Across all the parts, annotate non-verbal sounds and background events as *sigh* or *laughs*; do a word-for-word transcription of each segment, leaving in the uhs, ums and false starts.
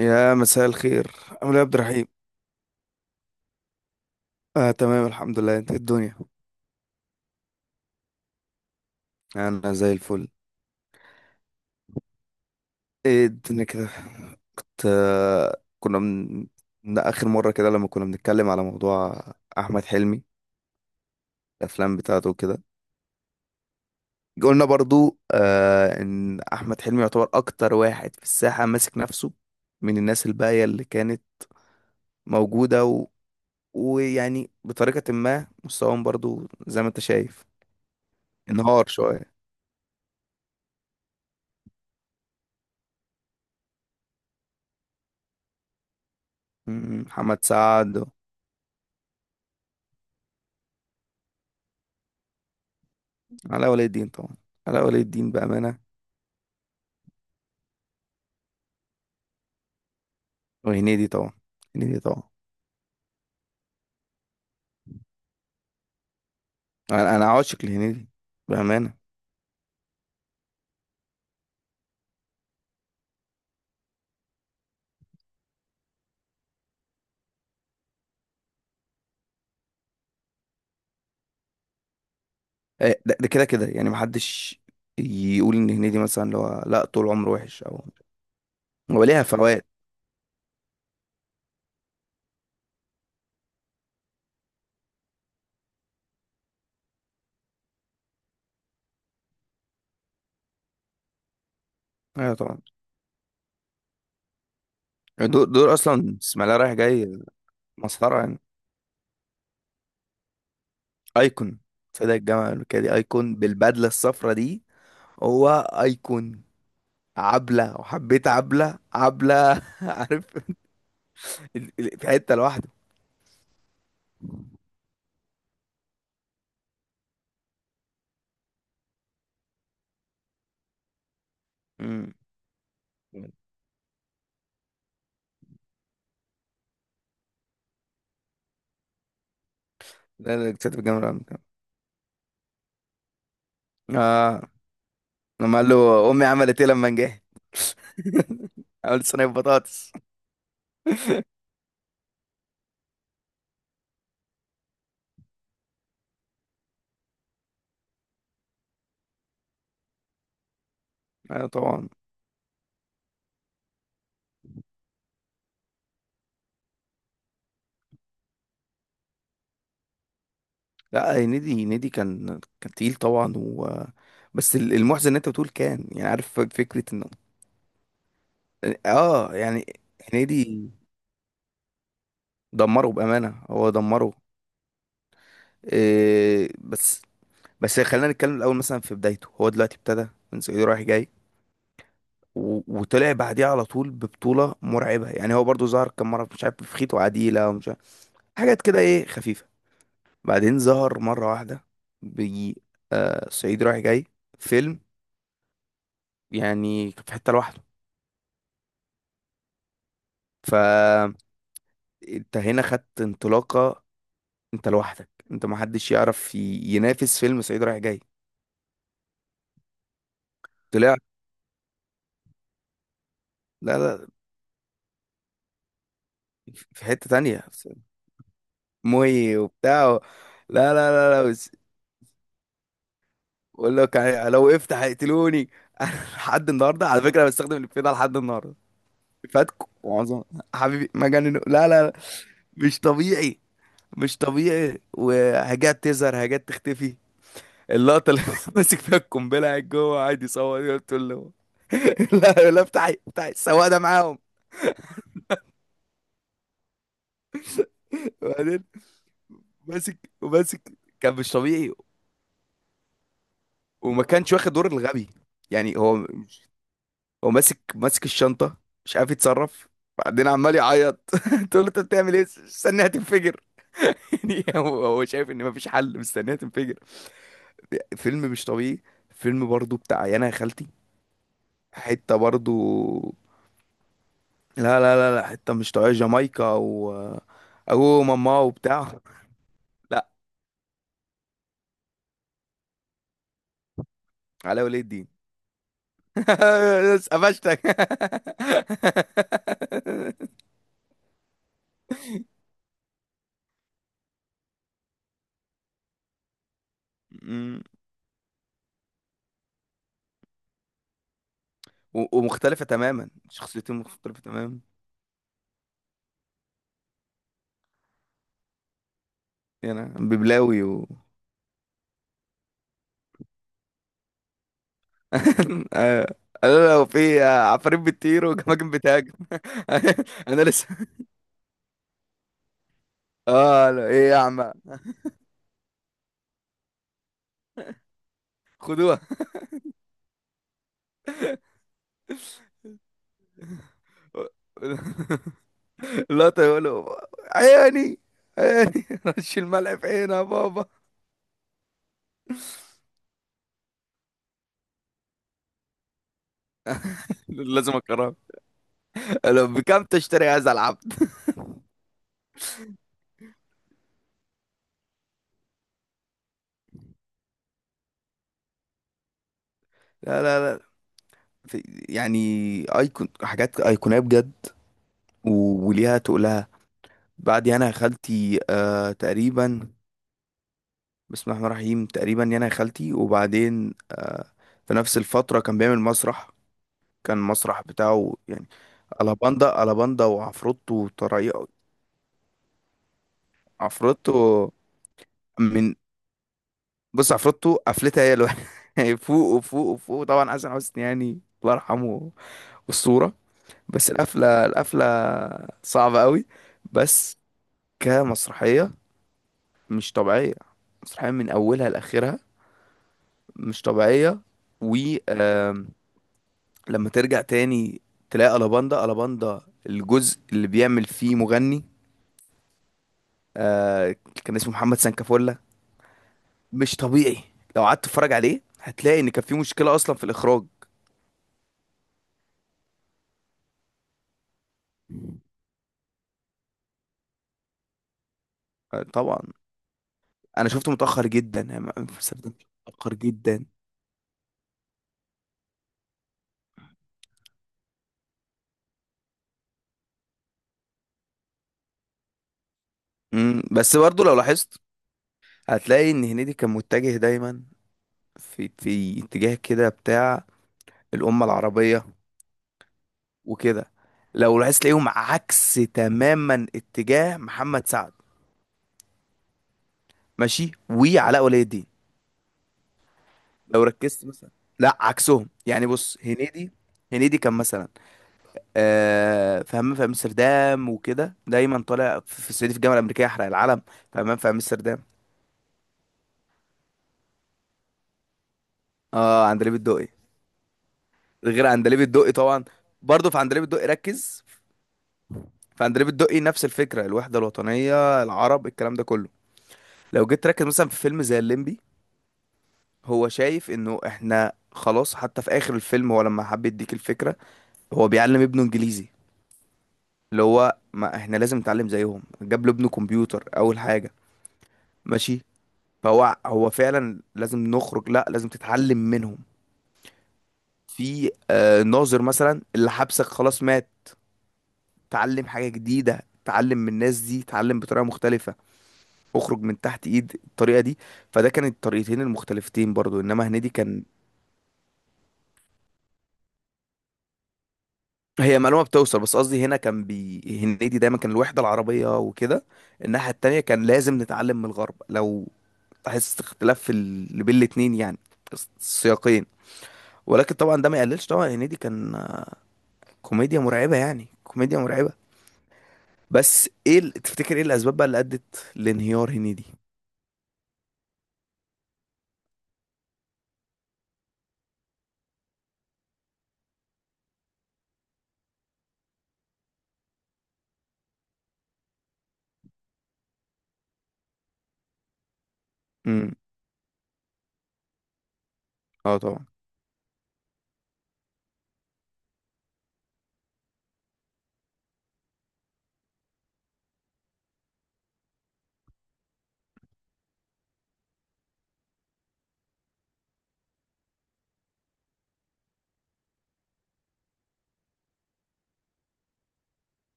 يا مساء الخير. عامل ايه يا عبد الرحيم؟ آه تمام الحمد لله، انت إيه الدنيا؟ انا زي الفل. ايه الدنيا كده؟ كنت آه كنا من... من اخر مرة كده لما كنا بنتكلم على موضوع احمد حلمي، الافلام بتاعته وكده. قلنا برضو آه ان احمد حلمي يعتبر اكتر واحد في الساحة ماسك نفسه من الناس الباقية اللي كانت موجودة و... ويعني بطريقة ما مستواهم برضو زي ما انت شايف انهار شوية. م- محمد سعد. علاء ولي الدين طبعا، علاء ولي الدين بأمانة. وهنيدي طبعا، هنيدي طبعا. أنا أنا عاشق لهنيدي بأمانة. آه، ده ده كده كده يعني محدش يقول إن هنيدي مثلا اللي هو لا طول عمره وحش أو هو ليها فوات. أيوة طبعا. دول, دول أصلا بسم الله رايح جاي، مسخرة يعني. أيكون، سيدة الجامعة الأمريكية دي أيكون بالبدلة الصفرا دي. هو أيكون عبلة، وحبيت عبلة عبلة. *laughs* عارف، ال- ال- في حتة لوحده. مم. لا لا، كانت في الجامعة الأمريكية. آه، لما قال له امي عملت ايه لما نجحت، *laughs* عملت صينيه بطاطس. ايوه طبعا. لا، هنيدي، هنيدي كان كان تقيل طبعا و... بس ال- المحزن ان انت بتقول كان، يعني عارف فكره انه اه، يعني هنيدي دمره بامانه، هو دمره. إيه بس، بس خلينا نتكلم الاول. مثلا في بدايته هو دلوقتي ابتدى من صعيدي رايح جاي و... وطلع بعديها على طول ببطوله مرعبه. يعني هو برضو ظهر كم مره مش عارف في خيط وعديله ومش عارف حاجات كده ايه خفيفه. بعدين ظهر مرة واحدة، بيجي آه صعيدي رايح جاي فيلم يعني في حتة لوحده. فانت هنا خدت انطلاقة، انت لوحدك، انت محدش يعرف ي- ينافس فيلم صعيدي رايح جاي. طلع، لا لا، في حتة تانية، مهي وبتاع و- لا لا لا لا بس، بقول لك يعني لو وقفت هيقتلوني. *laughs* لحد النهارده على فكرة أنا بستخدم الإفيه ده لحد النهارده. فاتكو معظم، حبيبي مجنون، لا لا لا مش طبيعي، مش طبيعي. وحاجات تظهر حاجات تختفي. اللقطة اللي *laughs* ماسك فيها القنبلة، قاعد جوه قاعد يصور، يقول تقول له *laughs* لا لا، افتحي افتحي السواق ده معاهم. وبعدين ماسك وماسك، كان مش طبيعي. وما كانش واخد دور الغبي يعني. هو هو ماسك ماسك الشنطة، مش عارف يتصرف، بعدين عمال يعيط. *laughs* تقول له انت بتعمل ايه؟ استناها تنفجر؟ *laughs* يعني هو هو شايف ان مفيش حل، مستناها تنفجر. فيلم مش طبيعي. فيلم برضو بتاع يانا يا خالتي، حتة برضو، لا لا لا لا، حتة مش طبيعية. جامايكا و أبو ماما وبتاع. لا، علاء ولي الدين. *laughs* بس قفشتك. أمم. و- ومختلفة تماما، شخصيتين مختلفة تماما يعني. أنا ببلاوي و *laughs* آه. لا، لو في آه، عفاريت بتطير وجماجم بتهاجم. *laughs* انا لسه اه، لا ايه يا عم؟ خدوها. *laughs* لا يقولوا عيني، عيني. *laughs* رش الملعب في عينها بابا. لازم اقرا، لو بكام تشتري هذا العبد؟ لا لا لا، في يعني ايكون، حاجات ايقونيه بجد و- وليها تقولها. بعد يانا يا خالتي آه تقريبا، بسم الله الرحمن الرحيم، تقريبا يانا يا خالتي. وبعدين في نفس الفتره كان بيعمل مسرح، كان مسرح بتاعه يعني. الاباندا الاباندا وعفروتو وطريقه. عفروتو من، بص عفروتو قفلتها هي الوحيده. *laughs* فوق وفوق وفوق طبعا، حسن حسني يعني الله يرحمه، والصورة. بس القفلة، القفلة صعبة قوي. بس كمسرحية مش طبيعية، مسرحية من أولها لآخرها مش طبيعية. و آم، لما ترجع تاني تلاقي ألاباندا ألاباندا، الجزء اللي بيعمل فيه مغني، آه، كان اسمه محمد سانكافولا. مش طبيعي، لو قعدت تتفرج عليه هتلاقي إن كان في مشكلة أصلا في الإخراج. آه، طبعا أنا شفته متأخر جدا يعني ما- متأخر جدا. مم، بس برضه لو لاحظت هتلاقي ان هنيدي كان متجه دايما في في اتجاه كده بتاع الأمة العربية وكده. لو لاحظت تلاقيهم عكس تماما اتجاه محمد سعد، ماشي، وعلاء ولي الدين. لو ركزت مثلا، لا عكسهم يعني. بص هنيدي، هنيدي كان مثلا آه في همام في امستردام وكده دايما طالع، في في الصعيدي في الجامعه الامريكيه يحرق العلم. في همام في امستردام، اه عندليب الدقي. غير عندليب الدقي طبعا. برضه في عندليب الدقي ركز، فاندريه بتدقي، نفس الفكره، الوحده الوطنيه، العرب، الكلام ده كله. لو جيت تركز مثلا في فيلم زي الليمبي، هو شايف انه احنا خلاص، حتى في اخر الفيلم هو لما حب يديك الفكره هو بيعلم ابنه انجليزي، اللي هو ما احنا لازم نتعلم زيهم. جاب له ابنه كمبيوتر اول حاجه، ماشي. فهو هو فعلا لازم نخرج، لا، لازم تتعلم منهم. في آه ناظر مثلا اللي حبسك خلاص مات، تعلم حاجه جديده، تعلم من الناس دي، تعلم بطريقه مختلفه، اخرج من تحت ايد الطريقه دي. فده كانت الطريقتين المختلفتين برضو، انما هنيدي كان. هي معلومه بتوصل، بس قصدي هنا كان بي... هنيدي دايما كان الوحده العربيه وكده، الناحيه التانيه كان لازم نتعلم من الغرب. لو تحس اختلاف في ال... بين الاتنين يعني، السياقين. ولكن طبعا ده ما يقللش، طبعا هنيدي كان آه، كوميديا مرعبه يعني، كوميديا مرعبه. بس ايه ال- تفتكر ايه الاسباب بقى اللي ادت لانهيار هنيدي؟ امم، اه طبعا.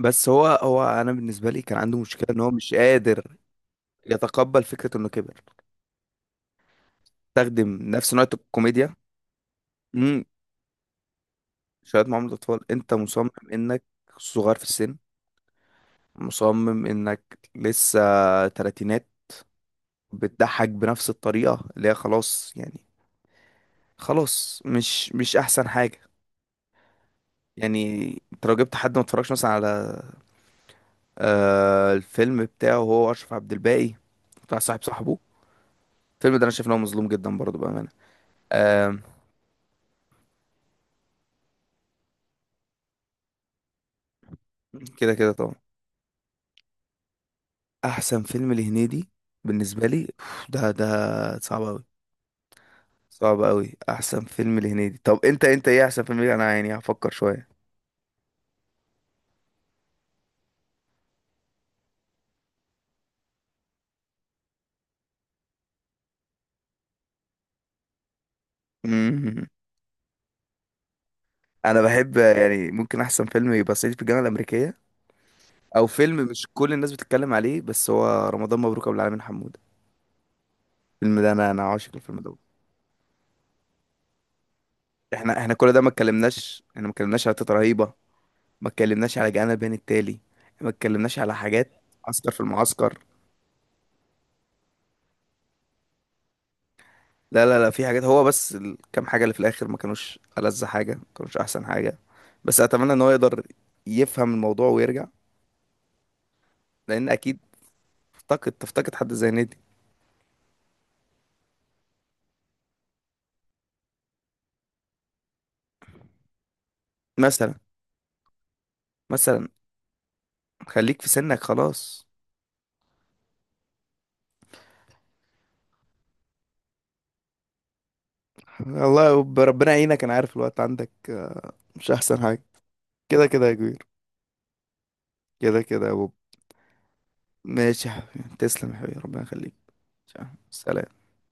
بس هو هو انا بالنسبه لي كان عنده مشكله ان هو مش قادر يتقبل فكرة انه كبر، تخدم نفس نوع الكوميديا. امم، شوية معاملة اطفال. انت مصمم انك صغير في السن، مصمم انك لسه تلاتينات، بتضحك بنفس الطريقة اللي هي خلاص يعني، خلاص مش مش احسن حاجة يعني. انت لو جبت حد ما اتفرجش مثلا على آه الفيلم بتاعه هو اشرف عبد الباقي، بتاع صاحب صاحبه. الفيلم ده انا شايف ان هو مظلوم جدا برضه بأمانة. آه، كده كده طبعا. احسن فيلم لهنيدي بالنسبه لي أوف، ده ده صعب قوي، صعب قوي احسن فيلم لهنيدي. طب انت انت ايه احسن فيلم ليه؟ انا يعني هفكر شويه. مم. انا بحب، يعني ممكن احسن فيلم يبقى صعيدي في الجامعه الامريكيه، او فيلم مش كل الناس بتتكلم عليه بس هو رمضان مبروك ابو العالمين حموده. الفيلم ده، انا انا عاشق الفيلم ده. احنا احنا كل ده ما اتكلمناش، احنا ما اتكلمناش على تيتا رهيبه، ما اتكلمناش على جانا بين التالي، ما اتكلمناش على حاجات. عسكر في المعسكر. لا لا لا، في حاجات هو بس الكام حاجة اللي في الآخر ما كانوش ألذ حاجة، ما كانوش أحسن حاجة. بس أتمنى إن هو يقدر يفهم الموضوع ويرجع، لأن أكيد افتقد، تفتقد حد زي نادي. مثلا، مثلا خليك في سنك خلاص. الله يب- ربنا يعينك، أنا عارف الوقت عندك آه، مش أحسن حاجة. كده كده يا كبير، كده كده يا بوب. ماشي يا حبيبي، تسلم يا حبيبي، ربنا يخليك. سلام.